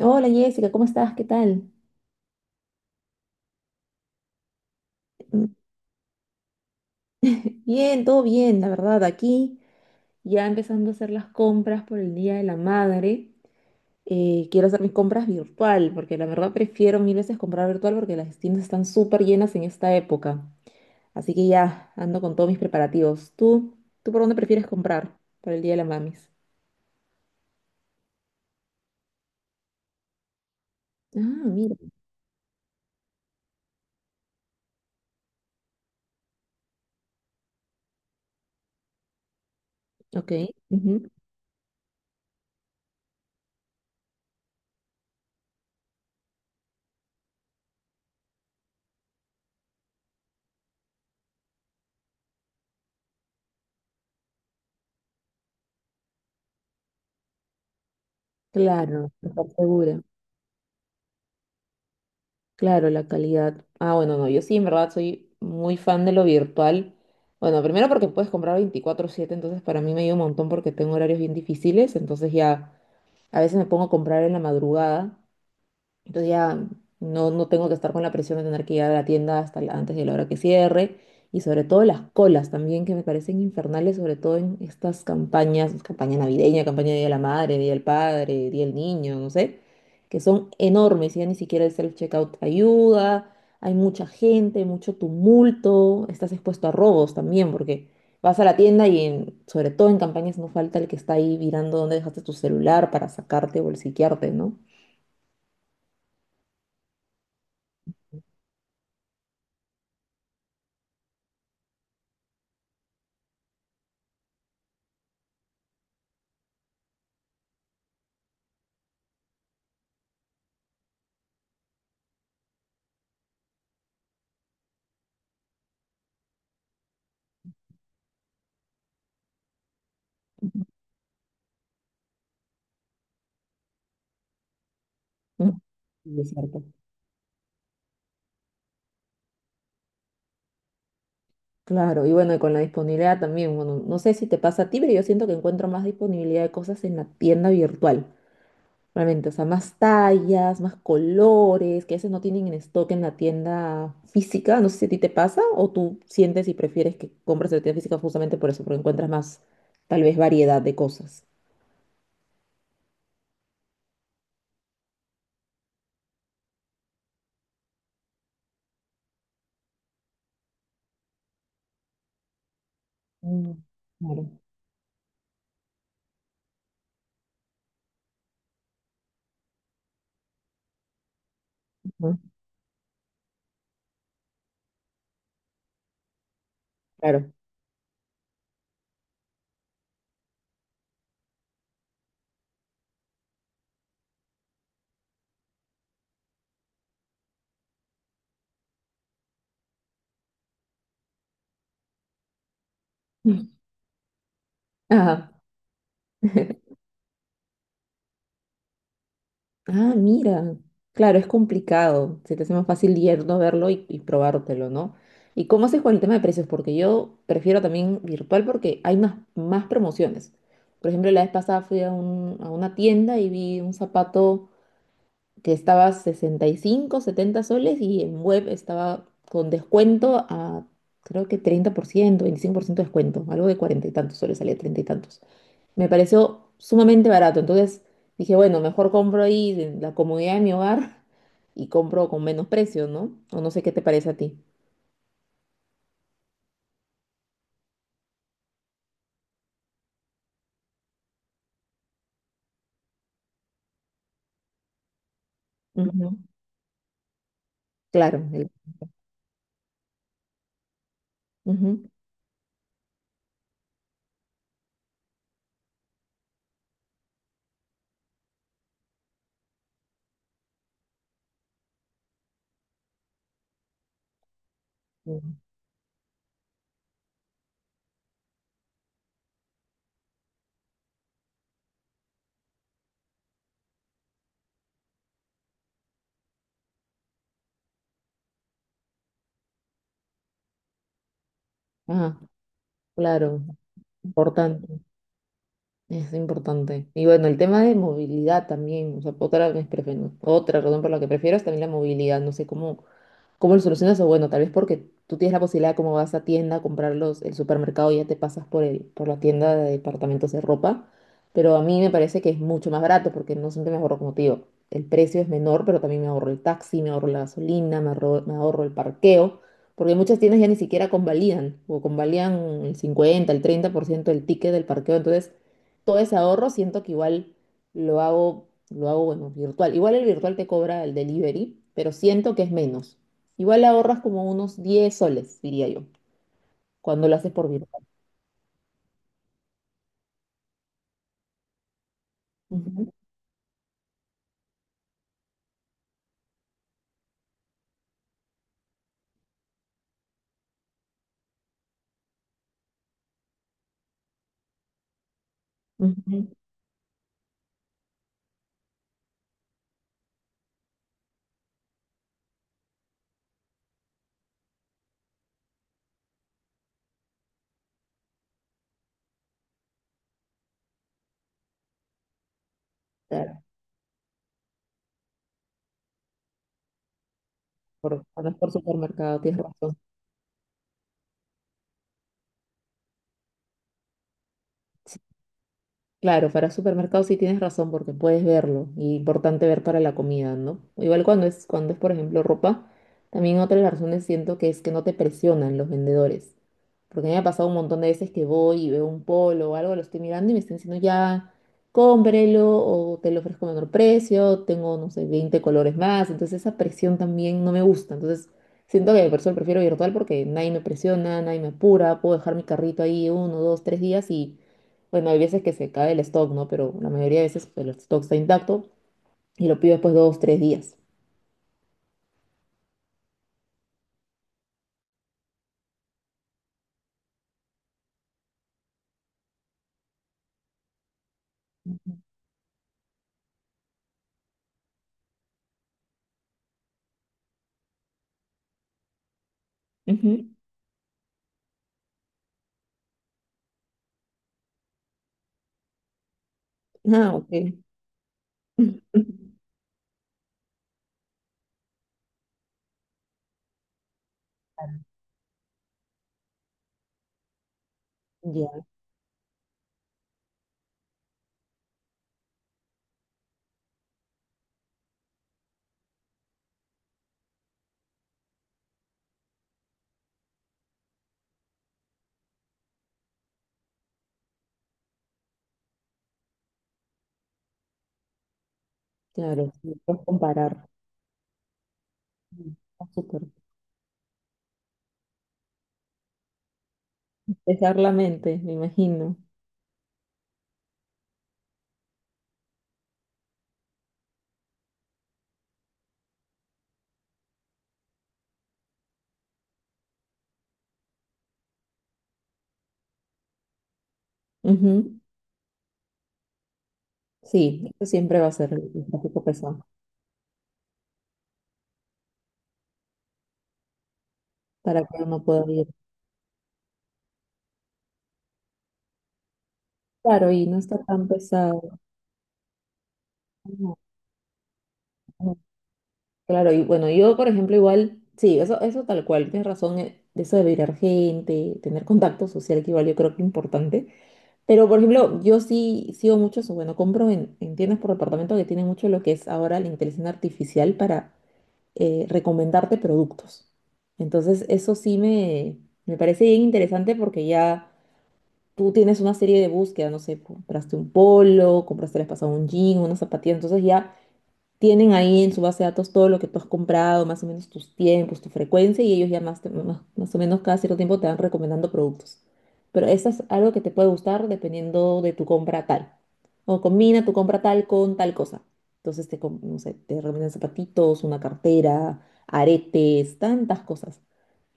Hola Jessica, ¿cómo estás? ¿Qué tal? Mm, bien, todo bien, la verdad. Aquí ya empezando a hacer las compras por el Día de la Madre. Quiero hacer mis compras virtual, porque la verdad prefiero mil veces comprar virtual porque las tiendas están súper llenas en esta época. Así que ya ando con todos mis preparativos. ¿Tú por dónde prefieres comprar por el Día de la Mamis? Ah, mira, ok. Ujú. Claro, estar segura. Claro, la calidad. Ah, bueno, no, yo sí, en verdad, soy muy fan de lo virtual. Bueno, primero porque puedes comprar veinticuatro siete, entonces para mí me ayuda un montón porque tengo horarios bien difíciles, entonces ya a veces me pongo a comprar en la madrugada, entonces ya no tengo que estar con la presión de tener que ir a la tienda hasta la- antes de la hora que cierre. Y sobre todo las colas también, que me parecen infernales, sobre todo en estas campañas, campaña navideña, campaña de Día de la Madre, Día del Padre, Día del Niño, no sé, que son enormes. Ya ni siquiera el self-checkout ayuda, hay mucha gente, mucho tumulto, estás expuesto a robos también, porque vas a la tienda y en- sobre todo en campañas no falta el que está ahí mirando dónde dejaste tu celular para sacarte o bolsiquearte, ¿no? Mm, es cierto. Claro, y bueno, y con la disponibilidad también, bueno, no sé si te pasa a ti, pero yo siento que encuentro más disponibilidad de cosas en la tienda virtual, realmente, o sea, más tallas, más colores, que a veces no tienen en stock en la tienda física, no sé si a ti te pasa o tú sientes y prefieres que compres en la tienda física justamente por eso, porque encuentras más, tal vez, variedad de cosas. Mm. Claro. Ujú. Claro. Ajá. Ah, mira, claro, es complicado. Se te hace más fácil yerno verlo y probártelo, ¿no? ¿Y cómo haces con el tema de precios? Porque yo prefiero también virtual porque hay más, más promociones. Por ejemplo, la vez pasada fui a una tienda y vi un zapato que estaba 65, 70 soles y en web estaba con descuento a creo que treinta por ciento, veinticinco por ciento de descuento, algo de cuarenta y tantos soles, salía treinta y tantos, me pareció sumamente barato. Entonces dije, bueno, mejor compro ahí en la comodidad de mi hogar y compro con menos precio, ¿no? O no sé qué te parece a ti. Ujú. Claro. el- ujú. Mm. Ah, claro. Importante. Es importante. Y bueno, el tema de movilidad también, o sea, otra, de mis prefe- otra razón por la que prefiero es también la movilidad. No sé cómo, cómo lo solucionas, o bueno, tal vez porque tú tienes la posibilidad, como vas a tienda a comprar los, el supermercado, y ya te pasas por el, por la tienda de departamentos de ropa, pero a mí me parece que es mucho más barato porque no siempre me ahorro, como te digo, el precio es menor, pero también me ahorro el taxi, me ahorro la gasolina, me ahorro el parqueo, porque muchas tiendas ya ni siquiera convalidan, o convalidan el 50 el 30% del ticket del parqueo, entonces todo ese ahorro siento que igual lo hago, bueno, virtual. Igual el virtual te cobra el delivery, pero siento que es menos. Igual ahorras como unos 10 soles, diría yo, cuando lo haces por virtual. Ujú. Ujú. Claro, por, cuando es por supermercado, tienes razón. Claro, para supermercados sí tienes razón porque puedes verlo y importante ver para la comida, ¿no? Igual cuando es por ejemplo ropa, también otra de las razones siento que es que no te presionan los vendedores. Porque a mí me ha pasado un montón de veces que voy y veo un polo o algo, lo estoy mirando y me están diciendo ya, cómprelo o te lo ofrezco a menor precio, tengo, no sé, 20 colores más. Entonces esa presión también no me gusta. Entonces siento que por eso prefiero virtual porque nadie me presiona, nadie me apura, puedo dejar mi carrito ahí uno, dos, tres días y bueno, hay veces que se cae el stock, ¿no? Pero la mayoría de veces pues, el stock está intacto y lo pido después de dos, tres días. Ujú. Ah, ok. Ya, claro, sí, puedes comparar. Mm, está súper. Despejar la mente, me imagino. Ujú. Sí, eso siempre va a ser el tráfico pesado para que uno pueda ir. Claro, y no está tan pesado. No, no. Claro, y bueno, yo por ejemplo igual, sí, eso tal cual, tienes razón, de eso de virar gente, tener contacto social que igual yo creo que es importante. Pero, por ejemplo, yo sí sigo mucho eso. Bueno, compro en tiendas por departamento que tienen mucho lo que es ahora la inteligencia artificial para recomendarte productos. Entonces, eso sí me parece bien interesante porque ya tú tienes una serie de búsquedas, no sé, compraste un polo, compraste el pasado un jean, una zapatilla. Entonces, ya tienen ahí en su base de datos todo lo que tú has comprado, más o menos tus tiempos, tu frecuencia, y ellos ya más, te- más, más o menos cada cierto tiempo te van recomendando productos. Pero eso es algo que te puede gustar dependiendo de tu compra tal. O combina tu compra tal con tal cosa. Entonces te, com- no sé, te recomiendan zapatitos, una cartera, aretes, tantas cosas.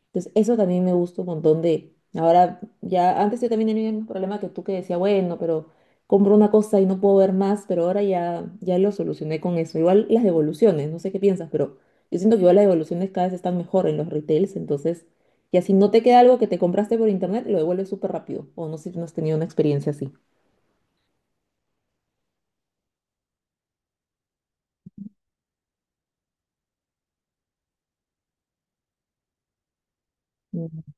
Entonces, eso también me gusta un montón de... Ahora, ya antes yo también tenía el mismo problema que tú que decía, bueno, pero compro una cosa y no puedo ver más, pero ahora ya lo solucioné con eso. Igual las devoluciones, no sé qué piensas, pero yo siento que igual las devoluciones cada vez están mejor en los retails, entonces, ya si no te queda algo que te compraste por internet, lo devuelves súper rápido. O no sé si no has tenido una experiencia así. Mm.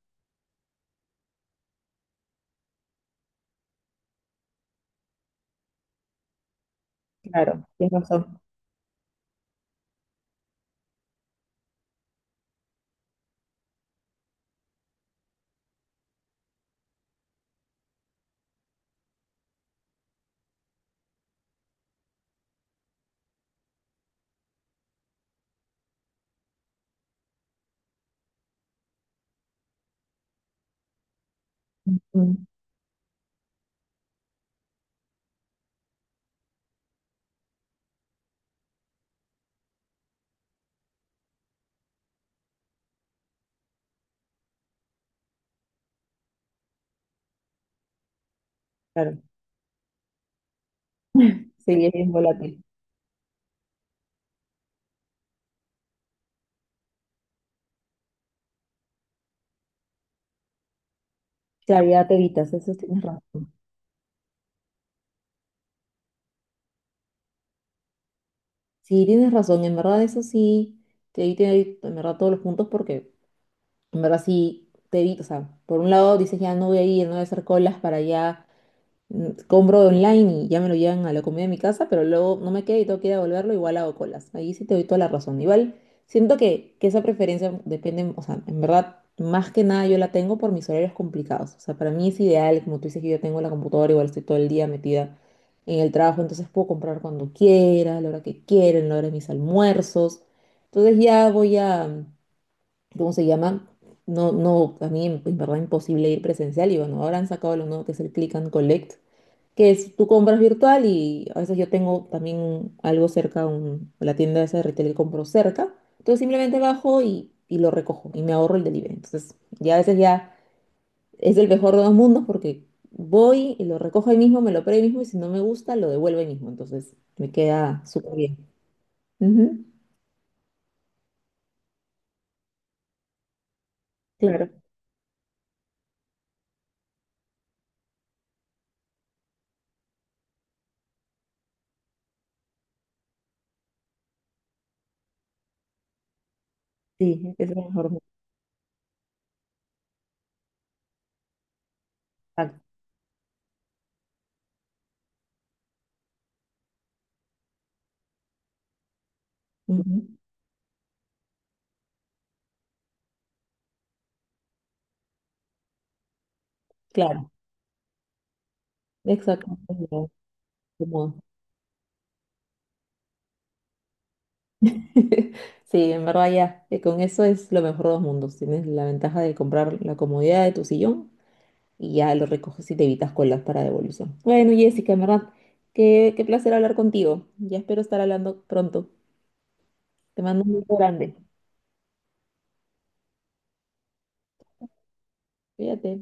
Claro, tienes razón. Mm. Claro, sí, es bien volátil. Claro, ya te evitas, eso tienes razón. Sí, tienes razón, en verdad eso sí, te di, te doy, en verdad todos los puntos porque en verdad sí te evito, o sea, por un lado dices ya no voy a ir, no voy a hacer colas para allá. Mm. Compro online y ya me lo llevan a la comida de mi casa, pero luego no me queda y tengo que ir a devolverlo, igual hago colas. Ahí sí te doy toda la razón. Igual siento que esa preferencia depende, o sea, en verdad, más que nada yo la tengo por mis horarios complicados. O sea, para mí es ideal, como tú dices que yo tengo la computadora, igual estoy todo el día metida en el trabajo, entonces puedo comprar cuando quiera, a la hora que quiera, en la hora de mis almuerzos. Entonces ya voy a, ¿cómo se llama? No, no, a mí en verdad imposible ir presencial y bueno, ahora han sacado lo nuevo que es el Click and Collect, que es, tú compras virtual y a veces yo tengo también algo cerca, la tienda esa de retail que compro cerca, entonces simplemente bajo y lo recojo y me ahorro el delivery. Entonces ya a veces ya es el mejor de dos mundos porque voy y lo recojo ahí mismo, me lo pruebo ahí mismo y si no me gusta lo devuelvo ahí mismo, entonces me queda súper bien. Ujú. Claro, sí, es el mejor. Exacto. Ujú. Claro, exacto. es lo- cómodo. Sí, en verdad ya, con eso es lo mejor de los mundos. Tienes la ventaja de comprar la comodidad de tu sillón y ya lo recoges y te evitas colas para devolución. Bueno, Jessica, en verdad, qué placer hablar contigo. Ya espero estar hablando pronto. Te mando un beso grande. Cuídate.